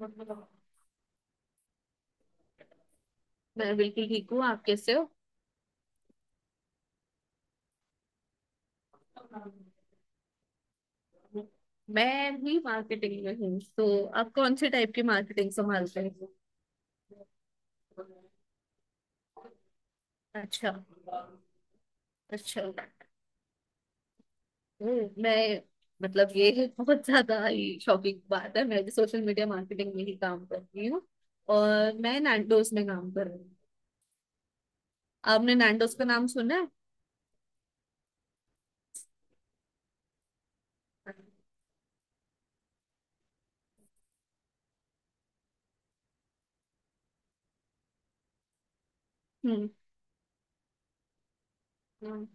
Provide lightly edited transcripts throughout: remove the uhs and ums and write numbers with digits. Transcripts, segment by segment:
मैं बिल्कुल ठीक हूँ। आप कैसे हो? मैं भी मार्केटिंग में हूँ, तो आप कौन से टाइप की मार्केटिंग संभालते हैं? अच्छा। अच्छा। मैं मतलब ये बहुत ज्यादा ही शॉकिंग बात है। मैं भी सोशल मीडिया मार्केटिंग में ही काम कर रही हूँ और मैं नैंडोस में काम कर रही हूँ। आपने नैंडोस का नाम सुना है? हम्म। हम्म।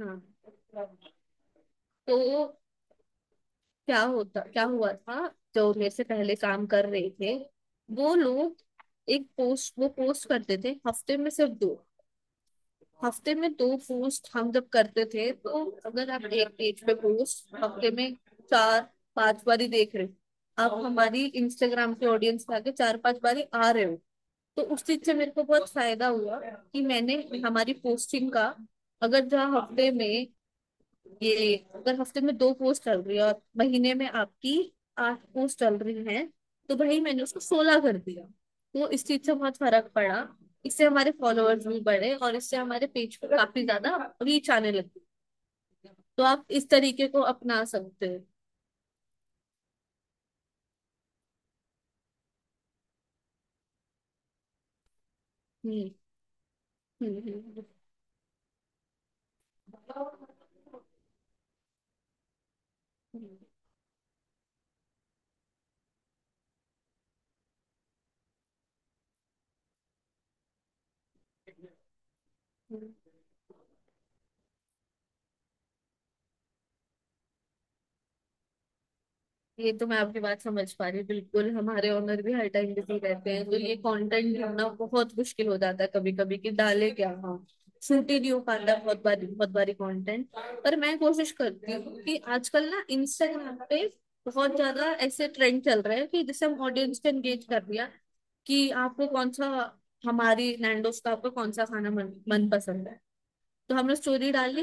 हाँ, तो क्या हुआ था, जो मेरे से पहले काम कर रहे थे वो लोग एक पोस्ट वो पोस्ट करते थे हफ्ते में सिर्फ 2। हफ्ते में 2 पोस्ट हम जब करते थे, तो अगर आप एक पेज पे पोस्ट हफ्ते में चार पांच बारी देख रहे हो, आप हमारी इंस्टाग्राम के ऑडियंस में आके चार पांच बारी आ रहे हो। तो उस चीज से मेरे को बहुत फायदा हुआ कि मैंने हमारी पोस्टिंग का अगर जहाँ हफ्ते में ये अगर हफ्ते में 2 पोस्ट चल रही है और महीने में आपकी 8 पोस्ट चल रही हैं, तो भाई मैंने उसको 16 कर दिया। तो इस चीज से बहुत फर्क पड़ा। इससे हमारे फॉलोअर्स भी बढ़े और इससे हमारे पेज पे काफी ज्यादा रीच आने लगी। तो आप इस तरीके को अपना सकते हो। हम्म। हम्म। हम्म। हम्म, हम्म। ये तो मैं आपकी बात समझ पा रही हूँ, बिल्कुल। हमारे ओनर भी हर टाइम बिजी रहते हैं, तो ये कंटेंट ढूंढना बहुत मुश्किल हो जाता है कभी कभी, कि डाले क्या हम। शूट ही नहीं हो पाता बहुत बारी, बहुत बारी कंटेंट। पर मैं कोशिश करती हूँ कि आजकल ना इंस्टाग्राम पे बहुत ज्यादा ऐसे ट्रेंड चल रहे हैं कि जिससे हम ऑडियंस को एंगेज कर दिया, कि आपको कौन सा, हमारी नैंडोस का आपको कौन सा खाना मन पसंद है। तो हमने स्टोरी डाली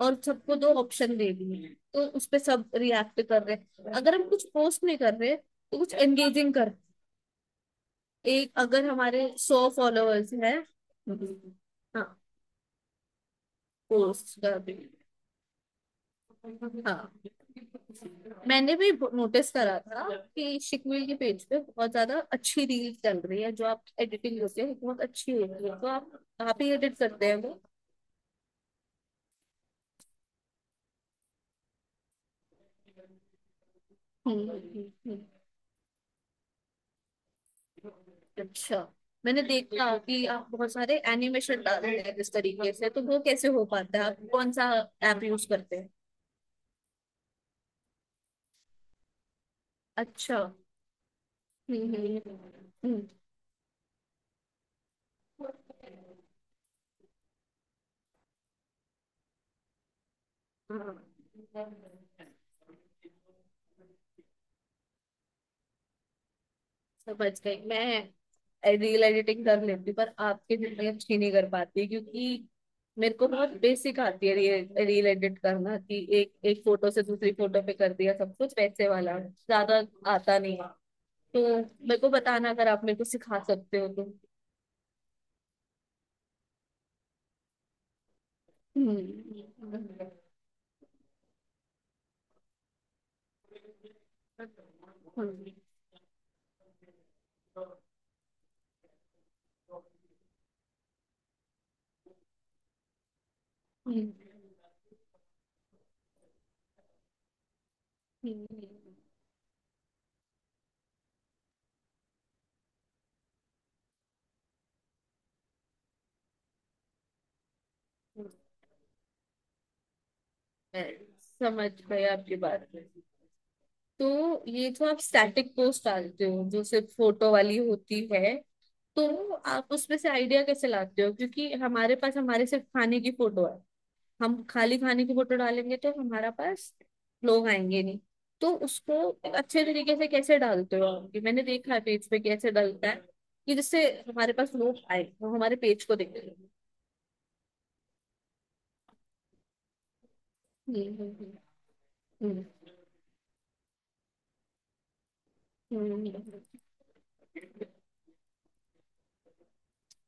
और सबको 2 ऑप्शन दे दिए, तो उस पे सब रिएक्ट कर रहे हैं। अगर हम कुछ पोस्ट नहीं कर रहे तो कुछ एंगेजिंग कर। एक अगर हमारे 100 फॉलोअर्स है। हाँ। पोस्ट कर भी। हाँ, मैंने भी नोटिस करा था कि शिकवीर के पेज पे बहुत ज्यादा अच्छी रील चल रही है, जो आप एडिटिंग होती है बहुत अच्छी होती है। तो आप ही एडिट करते हैं वो? हम्म, हम्म, हम्म। अच्छा, मैंने देखा कि आप बहुत सारे एनिमेशन डालते हैं इस तरीके से, तो वो कैसे हो पाता है? आप कौन सा ऐप यूज करते हैं? अच्छा। हम्म। हम्म। हम्म। समझ गई मैं। रील एडिटिंग कर लेती हूँ, पर आपके जितनी अच्छी नहीं कर पाती, क्योंकि मेरे को बहुत बेसिक आती है रील, रील एडिट करना कि एक एक फोटो से दूसरी फोटो पे कर दिया। सब कुछ वैसे वाला ज्यादा आता नहीं, तो मेरे को बताना अगर आप मेरे को सिखा सकते हो तो। हम्म। हम्म, हम्म, मैं समझ गए आपकी बात। तो ये जो आप स्टैटिक पोस्ट डालते हो, जो सिर्फ फोटो वाली होती है, तो आप उसमें से आइडिया कैसे लाते हो? क्योंकि हमारे पास हमारे सिर्फ खाने की फोटो है। हम खाली खाने की फोटो डालेंगे तो हमारा पास लोग आएंगे नहीं। तो उसको अच्छे तरीके से कैसे डालते हो आप? कि मैंने देखा है पेज पे कैसे डालता है, कि जिससे हमारे पास लोग आए, वो हमारे पेज को देखें। हम्म। हम्म हम्म। हम्म।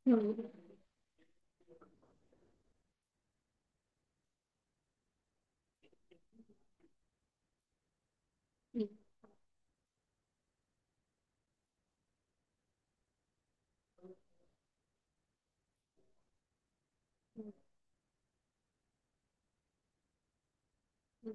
हम्म, हम्म, हम्म, हम्म,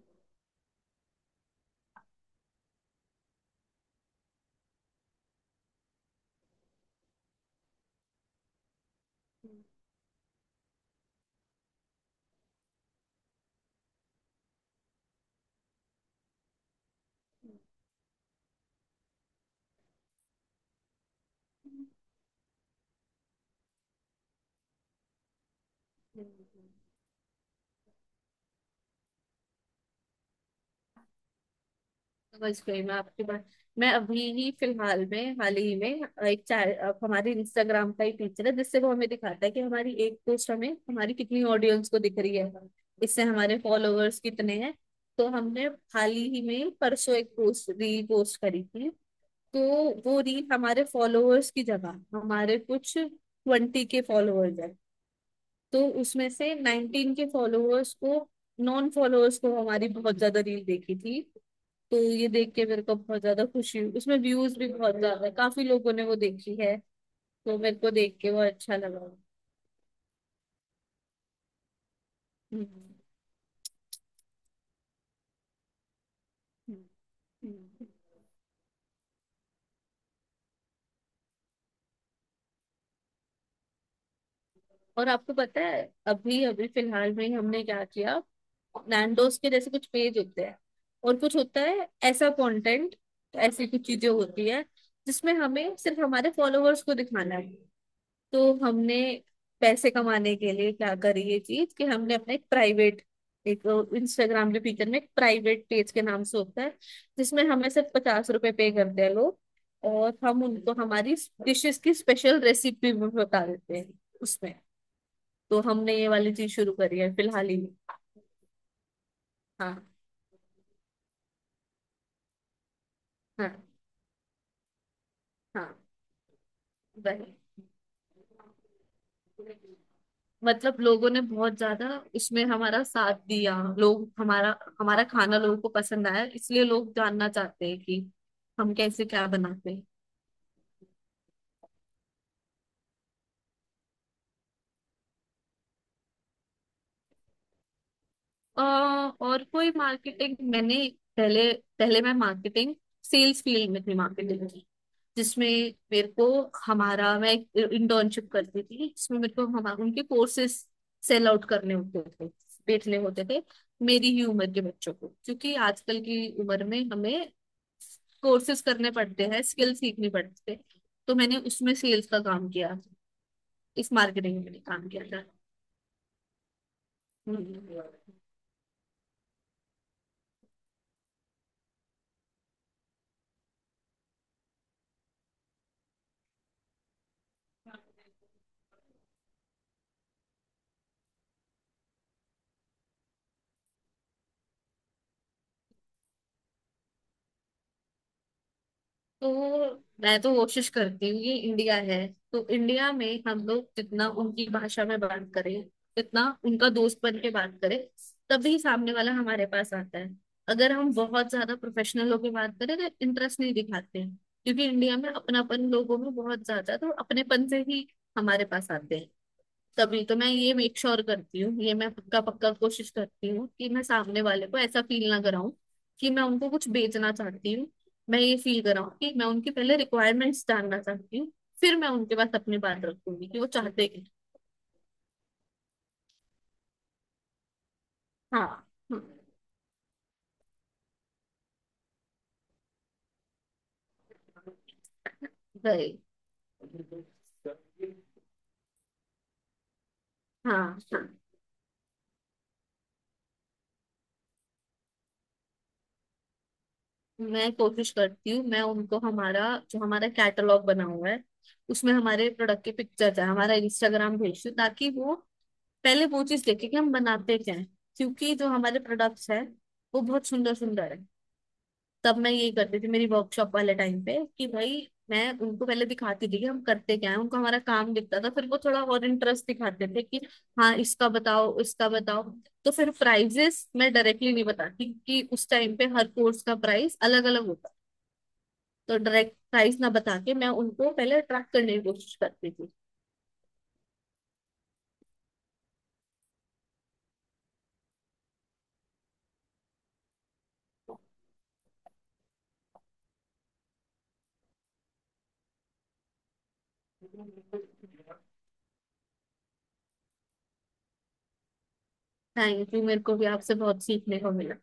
समझ गई मैं आपकी बात। मैं अभी ही फिलहाल में, हाल ही में, एक चैट हमारे इंस्टाग्राम का ही फीचर है जिससे वो हमें दिखाता है कि हमारी एक पोस्ट हमें हमारी कितनी ऑडियंस को दिख रही है, इससे हमारे फॉलोअर्स कितने हैं। तो हमने हाल ही में परसों एक पोस्ट, रील पोस्ट करी थी, तो वो रील हमारे फॉलोअर्स की जगह, हमारे कुछ 20 के फॉलोअर्स हैं, तो उसमें से 19 के फॉलोअर्स को, नॉन फॉलोअर्स को हमारी बहुत ज्यादा रील देखी थी। तो ये देख के मेरे को बहुत ज्यादा खुशी हुई। उसमें व्यूज भी बहुत ज्यादा है, काफी लोगों ने वो देखी है। तो मेरे को देख के वो अच्छा लगा। हम्म, हम्म। हम्म। और आपको पता है अभी अभी फिलहाल में ही हमने क्या किया? नैंडोस के जैसे कुछ पेज होते हैं और कुछ होता है ऐसा कंटेंट, ऐसी कुछ चीजें होती है जिसमें हमें सिर्फ हमारे फॉलोअर्स को दिखाना है। तो हमने पैसे कमाने के लिए क्या करी ये चीज, कि हमने अपना एक प्राइवेट, एक इंस्टाग्राम के फीचर में एक प्राइवेट पेज के नाम से होता है, जिसमें हमें सिर्फ 50 रुपए पे करते हैं लोग, और हम उनको हमारी डिशेस की स्पेशल रेसिपी भी बता देते हैं उसमें। तो हमने ये वाली चीज शुरू करी है फिलहाल ही। हाँ। हाँ। हाँ, वही। मतलब लोगों ने बहुत ज्यादा उसमें हमारा साथ दिया। लोग हमारा हमारा खाना लोगों को पसंद आया, इसलिए लोग जानना चाहते हैं कि हम कैसे क्या बनाते हैं। अ, और कोई मार्केटिंग, मैंने पहले, पहले मैं मार्केटिंग, सेल्स फील्ड में थी मार्केटिंग, जिसमें मेरे को, हमारा मैं इंटर्नशिप करती थी जिसमें मेरे को हमारे उनके कोर्सेस सेल आउट करने होते थे, बेचने होते थे, मेरी ही उम्र के बच्चों को, क्योंकि आजकल की उम्र में हमें कोर्सेज करने पड़ते हैं, स्किल सीखनी पड़ती है। तो मैंने उसमें सेल्स का काम किया, इस मार्केटिंग में मैंने काम किया था। हम्म। तो मैं तो कोशिश करती हूँ, ये इंडिया है तो इंडिया में हम लोग जितना उनकी भाषा में बात करें, जितना उनका दोस्त बन के बात करें, तभी सामने वाला हमारे पास आता है। अगर हम बहुत ज्यादा प्रोफेशनल होकर बात करें तो इंटरेस्ट नहीं दिखाते हैं, क्योंकि इंडिया में अपनापन लोगों में बहुत ज्यादा है, तो अपनेपन से ही हमारे पास आते हैं। तभी तो मैं ये मेक श्योर करती हूँ, ये मैं पक्का पक्का कोशिश करती हूँ कि मैं सामने वाले को ऐसा फील ना कराऊं कि मैं उनको कुछ बेचना चाहती हूँ। मैं ये फील कराऊं कि मैं उनकी पहले रिक्वायरमेंट्स जानना चाहती हूँ, फिर मैं उनके पास अपनी बात रखूंगी कि वो चाहते क्या। हाँ गए। हाँ, हाँ। मैं कोशिश करती हूँ, मैं उनको हमारा, जो हमारा कैटलॉग बना हुआ है, उसमें हमारे प्रोडक्ट की पिक्चर है, हमारा इंस्टाग्राम भेजती हूँ ताकि वो पहले वो चीज देखे कि हम बनाते क्या है, क्योंकि जो हमारे प्रोडक्ट्स हैं वो बहुत सुंदर सुंदर है। तब मैं यही करती थी मेरी वर्कशॉप वाले टाइम पे कि भाई, मैं उनको पहले दिखाती थी कि हम करते क्या है, उनको हमारा काम दिखता था फिर वो थोड़ा और इंटरेस्ट दिखाते थे कि हाँ इसका बताओ, इसका बताओ। तो फिर प्राइजेस मैं डायरेक्टली नहीं बताती कि उस टाइम पे हर कोर्स का प्राइस अलग अलग होता। तो डायरेक्ट प्राइस ना बता के मैं उनको पहले अट्रैक्ट करने की कोशिश करती थी। थैंक यू, मेरे को भी आपसे बहुत सीखने को मिला।